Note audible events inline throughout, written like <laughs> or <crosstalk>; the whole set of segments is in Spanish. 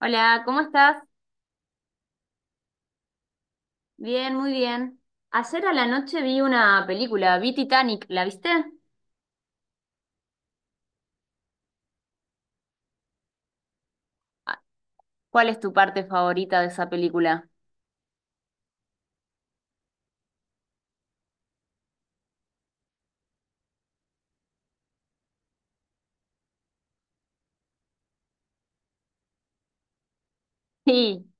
Hola, ¿cómo estás? Bien, muy bien. Ayer a la noche vi una película, vi Titanic, ¿la viste? Ah, ¿cuál es tu parte favorita de esa película? <laughs> Sí,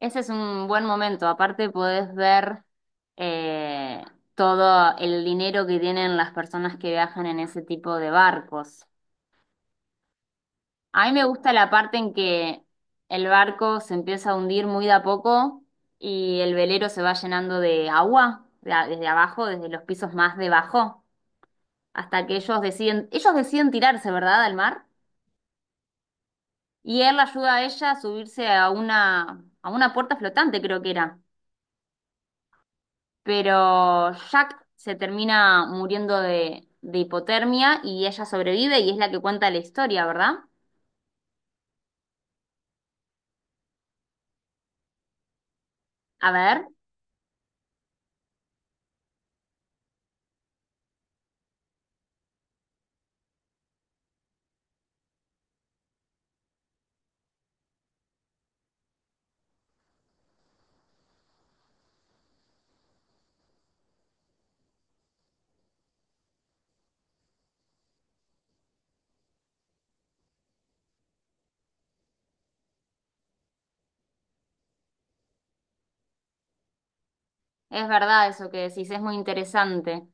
ese es un buen momento. Aparte podés ver eh, todo el dinero que tienen las personas que viajan en ese tipo de barcos. A mí me gusta la parte en que el barco se empieza a hundir muy de a poco y el velero se va llenando de agua, desde abajo, desde los pisos más debajo, hasta que ellos deciden tirarse, ¿verdad?, al mar. Y él la ayuda a ella a subirse a una puerta flotante, creo que era. Pero Jack se termina muriendo de hipotermia y ella sobrevive y es la que cuenta la historia, ¿verdad? A ver, es verdad eso que decís, es muy interesante.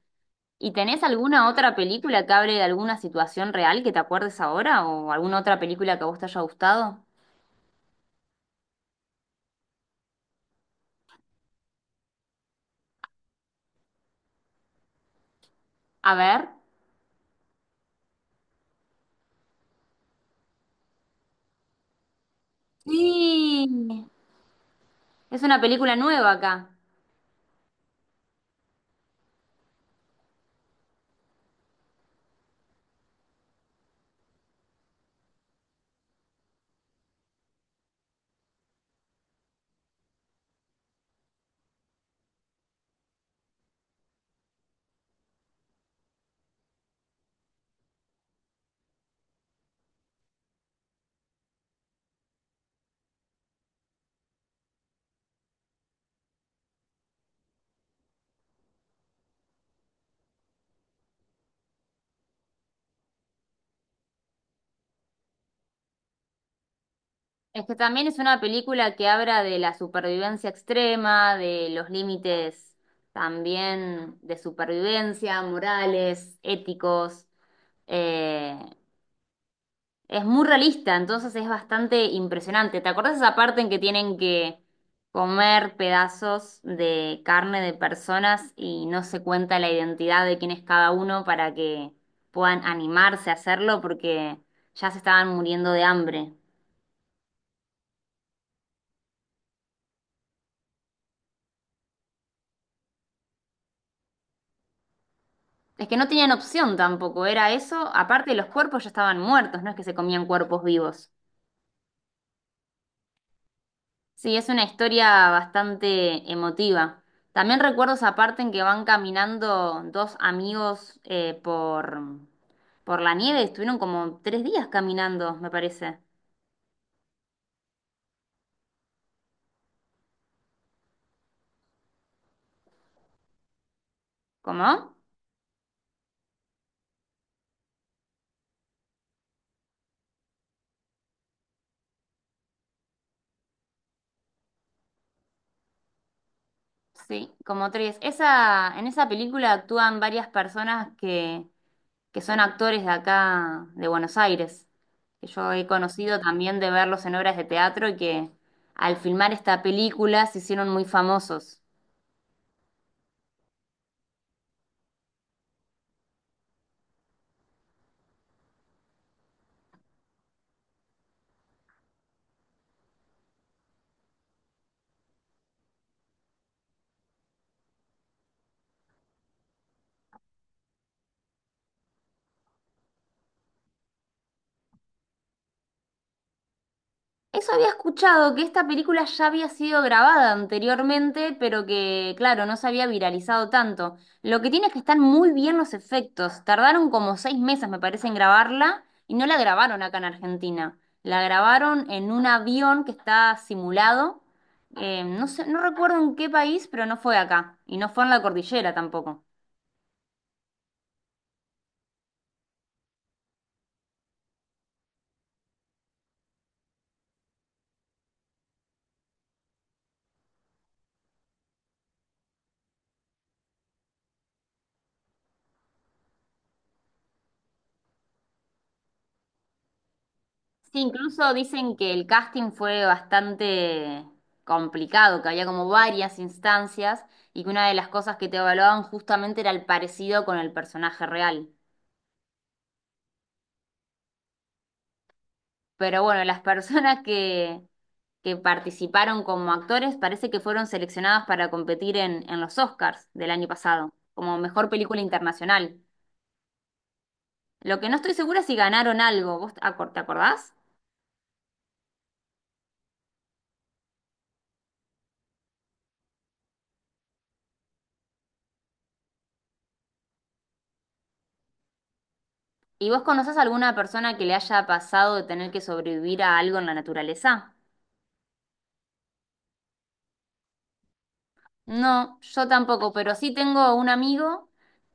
¿Y tenés alguna otra película que hable de alguna situación real que te acuerdes ahora o alguna otra película que a vos te haya gustado? A ver. Sí, es una película nueva acá. Es que también es una película que habla de la supervivencia extrema, de los límites también de supervivencia, morales, éticos. Eh, es muy realista, entonces es bastante impresionante. ¿Te acordás esa parte en que tienen que comer pedazos de carne de personas y no se cuenta la identidad de quién es cada uno para que puedan animarse a hacerlo porque ya se estaban muriendo de hambre? Es que no tenían opción tampoco, era eso. Aparte, los cuerpos ya estaban muertos, no es que se comían cuerpos vivos. Sí, es una historia bastante emotiva. También recuerdo esa parte en que van caminando dos amigos por la nieve. Estuvieron como tres días caminando, me parece. ¿Cómo? Sí, como tres. Esa, en esa película actúan varias personas que son actores de acá, de Buenos Aires, que yo he conocido también de verlos en obras de teatro y que al filmar esta película se hicieron muy famosos. Eso había escuchado, que esta película ya había sido grabada anteriormente, pero que, claro, no se había viralizado tanto. Lo que tiene es que están muy bien los efectos. Tardaron como seis meses, me parece, en grabarla y no la grabaron acá en Argentina. La grabaron en un avión que está simulado. No sé, no recuerdo en qué país, pero no fue acá. Y no fue en la cordillera tampoco. Sí, incluso dicen que el casting fue bastante complicado, que había como varias instancias y que una de las cosas que te evaluaban justamente era el parecido con el personaje real. Pero bueno, las <laughs> personas que participaron como actores parece que fueron seleccionadas para competir en los Oscars del año pasado, como mejor película internacional. Lo que no estoy segura es si ganaron algo. ¿Vos te acordás? ¿Y vos conocés alguna persona que le haya pasado de tener que sobrevivir a algo en la naturaleza? No, yo tampoco, pero sí tengo un amigo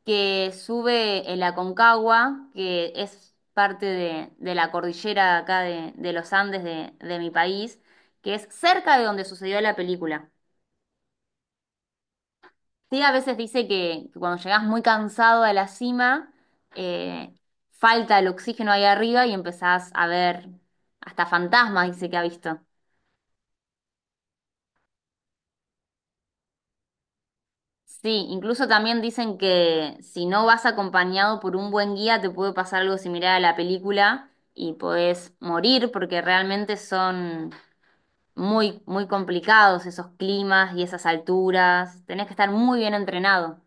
que sube el Aconcagua, que es parte de la cordillera acá de los Andes de mi país, que es cerca de donde sucedió la película. Sí, a veces dice que cuando llegás muy cansado a la cima, eh, falta el oxígeno ahí arriba y empezás a ver hasta fantasmas, dice que ha visto. Sí, incluso también dicen que si no vas acompañado por un buen guía te puede pasar algo similar a la película y podés morir porque realmente son muy, muy complicados esos climas y esas alturas. Tenés que estar muy bien entrenado.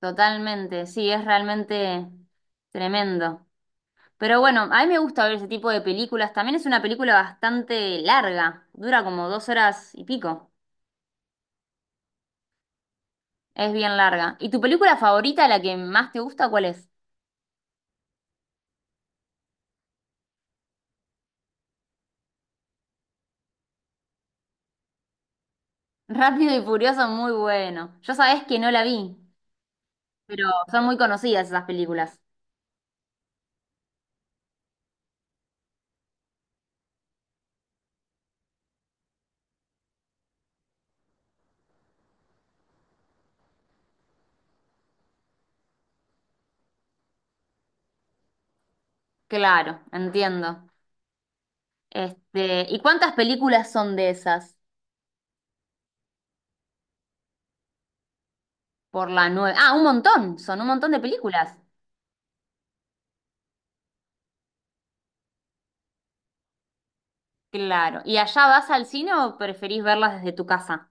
Totalmente, sí, es realmente tremendo. Pero bueno, a mí me gusta ver ese tipo de películas. También es una película bastante larga, dura como dos horas y pico. Es bien larga. ¿Y tu película favorita, la que más te gusta, cuál es? Rápido y Furioso, muy bueno. Yo sabés que no la vi, pero son muy conocidas esas películas. Claro, entiendo. Este, ¿y cuántas películas son de esas? Por la nueve. Ah, un montón, son un montón de películas. Claro. ¿Y allá vas al cine o preferís verlas desde tu casa?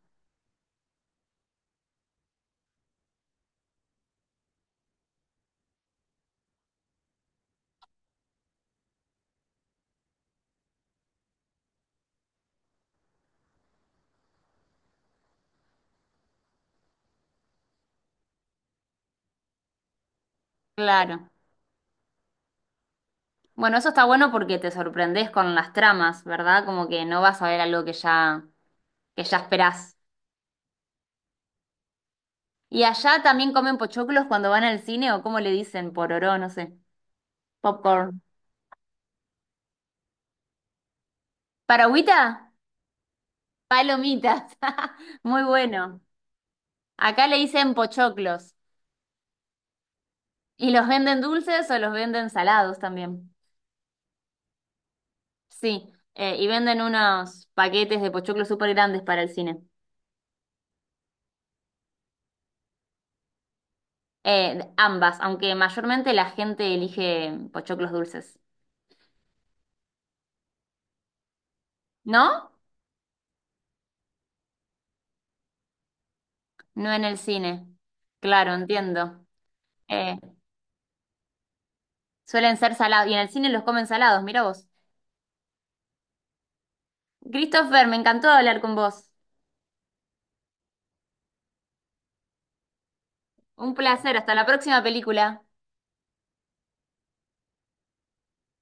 Claro. Bueno, eso está bueno porque te sorprendés con las tramas, ¿verdad? Como que no vas a ver algo que ya esperás. ¿Y allá también comen pochoclos cuando van al cine o cómo le dicen? Pororó, no sé. Popcorn. ¿Paragüita? Palomitas, <laughs> muy bueno. Acá le dicen pochoclos. ¿Y los venden dulces o los venden salados también? Sí, y venden unos paquetes de pochoclos súper grandes para el cine. Ambas, aunque mayormente la gente elige pochoclos dulces. ¿No? No en el cine. Claro, entiendo. Eh, Suelen ser salados y en el cine los comen salados, mira vos. Christopher, me encantó hablar con vos. Un placer, hasta la próxima película.